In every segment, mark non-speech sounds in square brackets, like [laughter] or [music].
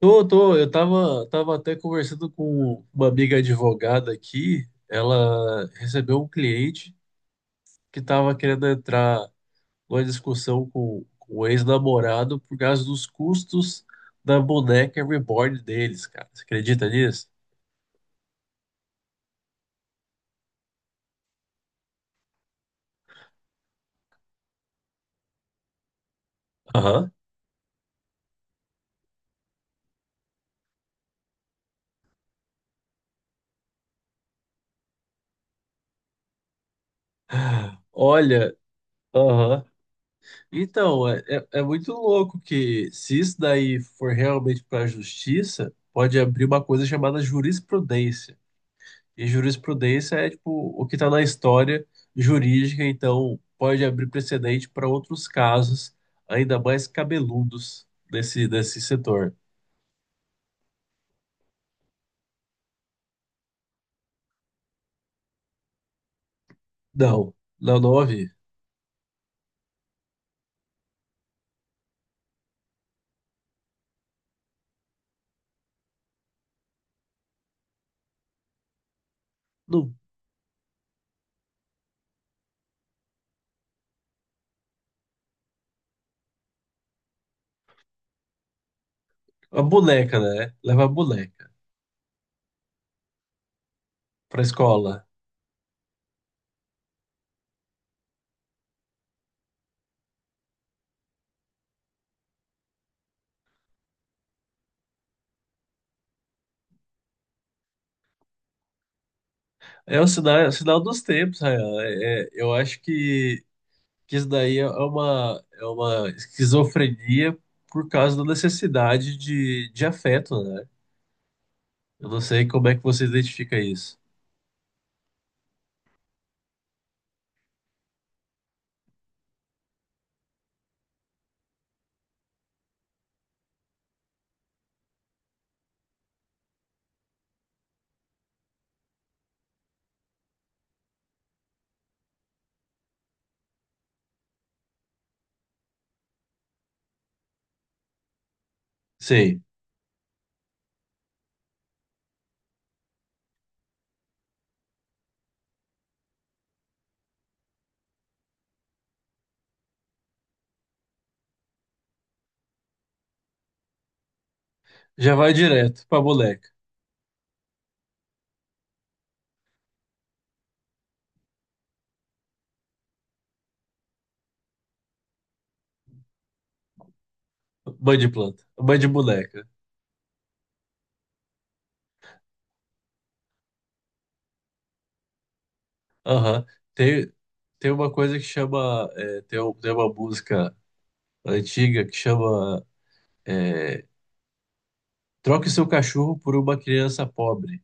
Tô, eu tava, tava até conversando com uma amiga advogada aqui. Ela recebeu um cliente que tava querendo entrar numa discussão com o ex-namorado por causa dos custos da boneca reborn deles, cara. Você acredita nisso? Aham. Olha, aham. Então, é muito louco que se isso daí for realmente para a justiça, pode abrir uma coisa chamada jurisprudência. E jurisprudência é tipo o que está na história jurídica, então pode abrir precedente para outros casos ainda mais cabeludos desse setor. Não, não, não ouvi. Não. A boneca, né? Leva a boneca para escola. É o sinal dos tempos, Rayan. É, eu acho que isso daí é uma esquizofrenia por causa da necessidade de afeto, né? Eu não sei como é que você identifica isso. Sei. Já vai direto pra boneca. Mãe de planta. Mãe de boneca. Aham. Tem, tem uma coisa que chama. Tem, tem uma música antiga que chama. É, troque seu cachorro por uma criança pobre.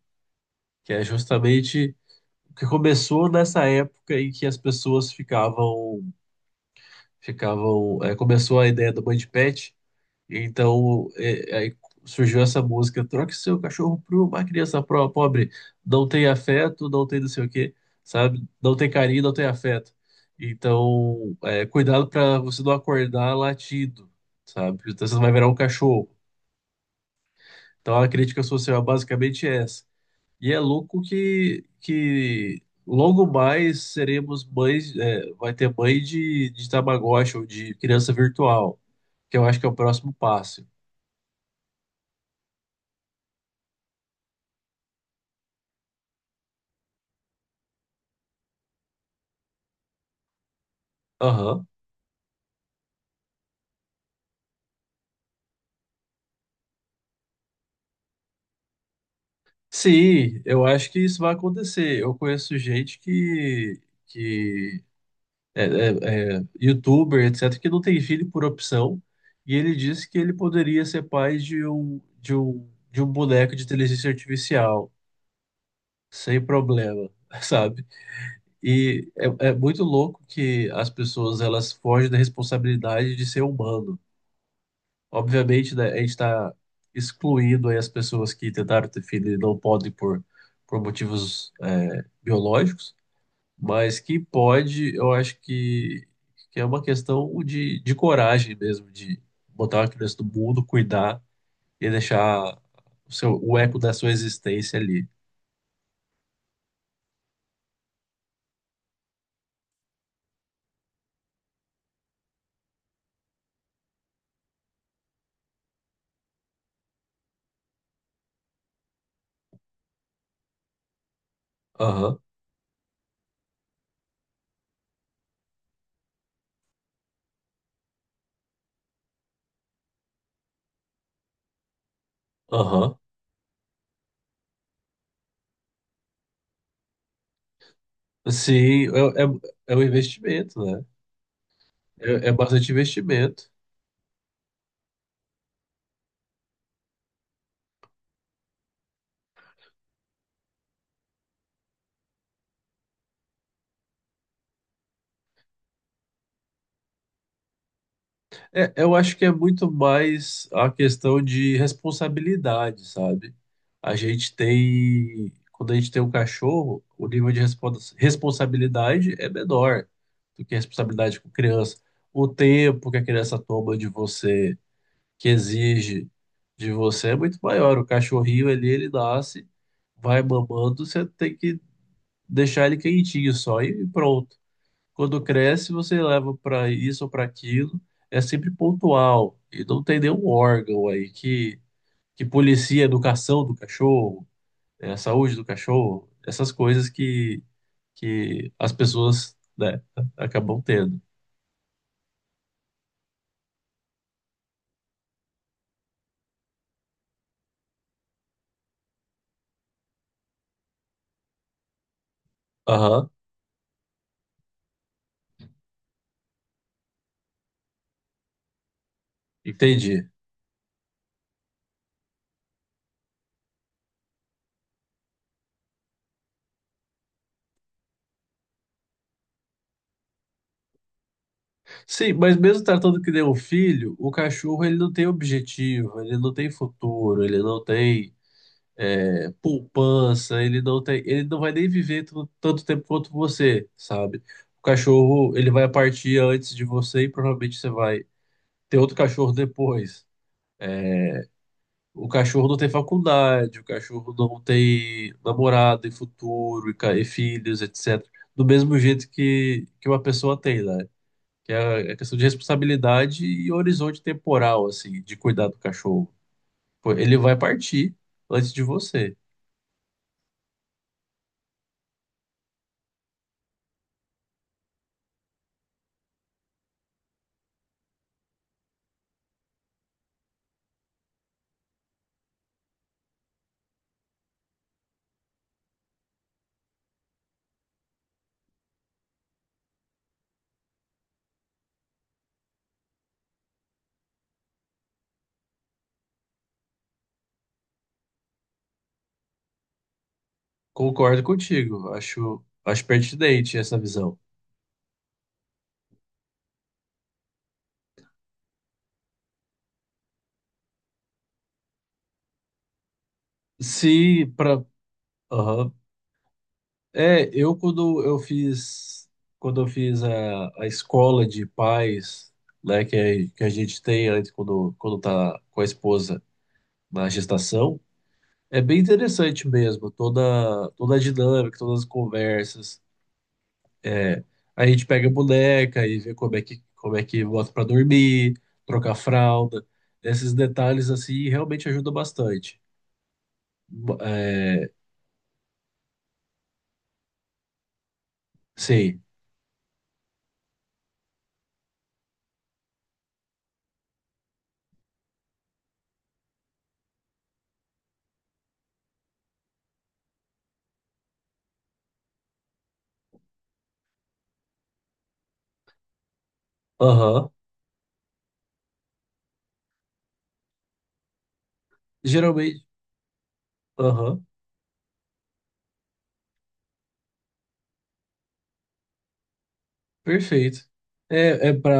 Que é justamente o que começou nessa época em que as pessoas ficavam. Ficavam. É, começou a ideia da mãe de pet. Então, aí surgiu essa música, troque seu cachorro por uma criança pobre, não tem afeto, não tem não sei o quê, sabe? Não tem carinho, não tem afeto. Então, é, cuidado para você não acordar latido, sabe? Então, você não vai virar um cachorro. Então, a crítica social é basicamente essa. E é louco que logo mais seremos mães, é, vai ter mãe de Tamagotchi ou de criança virtual, que eu acho que é o próximo passo. Aham. Sim, eu acho que isso vai acontecer. Eu conheço gente que é, é youtuber, etc., que não tem filho por opção, e ele disse que ele poderia ser pai de um, de um boneco de inteligência artificial, sem problema, [laughs] sabe? E é, é muito louco que as pessoas elas fogem da responsabilidade de ser humano. Obviamente, né, a gente está excluindo aí as pessoas que tentaram ter filho e não podem por motivos é, biológicos, mas que pode, eu acho que é uma questão de coragem mesmo, de botar uma criança no mundo, cuidar e deixar o seu, o eco da sua existência ali. Aham, aham. Sim, é, é, é um investimento, né? É, é bastante investimento. É, eu acho que é muito mais a questão de responsabilidade, sabe? A gente tem, quando a gente tem um cachorro, o nível de responsabilidade é menor do que a responsabilidade com criança. O tempo que a criança toma de você, que exige de você, é muito maior. O cachorrinho ali, ele nasce, vai mamando, você tem que deixar ele quentinho só e pronto. Quando cresce, você leva para isso ou para aquilo, é sempre pontual. E não tem nenhum órgão aí que policia a educação do cachorro, a saúde do cachorro, essas coisas que as pessoas, né, acabam tendo. Aham, entendi. Sim, mas mesmo tratando que nem um filho, o cachorro ele não tem objetivo, ele não tem futuro, ele não tem é, poupança, ele não tem, ele não vai nem viver tanto tempo quanto você, sabe? O cachorro, ele vai partir antes de você e provavelmente você vai ter outro cachorro depois. É, o cachorro não tem faculdade, o cachorro não tem namorado e futuro e, e filhos, etc. Do mesmo jeito que uma pessoa tem, né? Que é a questão de responsabilidade e horizonte temporal, assim, de cuidar do cachorro. Pô, ele vai partir antes de você. Concordo contigo. Acho, acho pertinente essa visão. Se para, é, eu quando eu fiz a escola de pais, né, que a gente tem antes quando tá com a esposa na gestação, é bem interessante mesmo, toda a dinâmica, todas as conversas. É, a gente pega a boneca e vê como é que bota para dormir, trocar fralda. Esses detalhes assim realmente ajudam bastante. É, sei. Aham. Geralmente. Aham. Perfeito. É, é pra,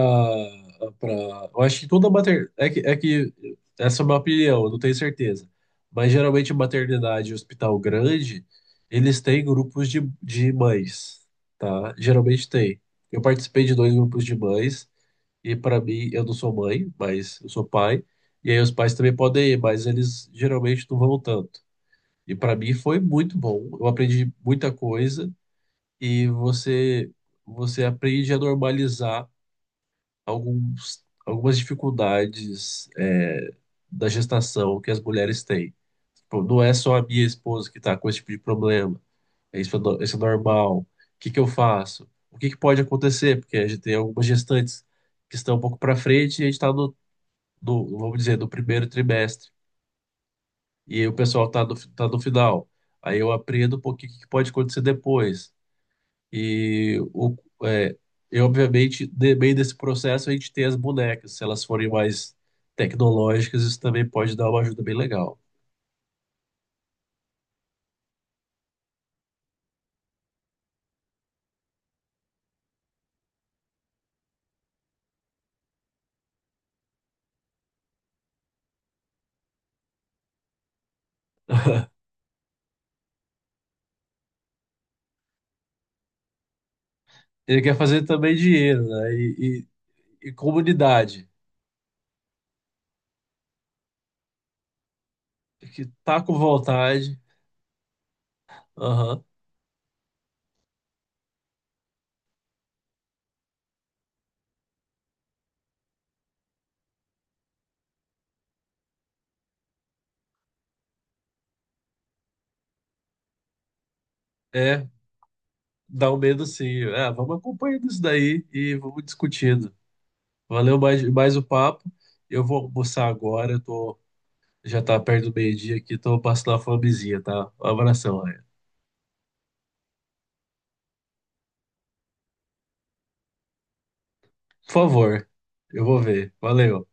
é pra. Eu acho que toda maternidade. É que, é que. Essa é uma opinião, eu não tenho certeza. Mas geralmente maternidade e hospital grande, eles têm grupos de mães, tá? Geralmente tem. Eu participei de dois grupos de mães, e para mim, eu não sou mãe, mas eu sou pai. E aí os pais também podem ir, mas eles geralmente não vão tanto. E para mim foi muito bom. Eu aprendi muita coisa e você aprende a normalizar algumas dificuldades é, da gestação que as mulheres têm. Tipo, não é só a minha esposa que está com esse tipo de problema. É isso, é isso é normal. O que que eu faço? O que que pode acontecer? Porque a gente tem algumas gestantes que estão um pouco para frente e a gente está no, vamos dizer, no primeiro trimestre. E aí o pessoal tá tá do final. Aí eu aprendo um pouquinho o que que pode acontecer depois. E o, é, eu, obviamente, no meio desse processo, a gente tem as bonecas. Se elas forem mais tecnológicas, isso também pode dar uma ajuda bem legal. Ele quer fazer também dinheiro, né? E, e comunidade, que tá com vontade. Aham. É, dá um medo sim. É, vamos acompanhando isso daí e vamos discutindo. Valeu mais o papo. Eu vou almoçar agora, eu tô Já tá perto do meio-dia aqui, tô passando a fomezinha, tá? Um abração, Ryan. Por favor, eu vou ver. Valeu.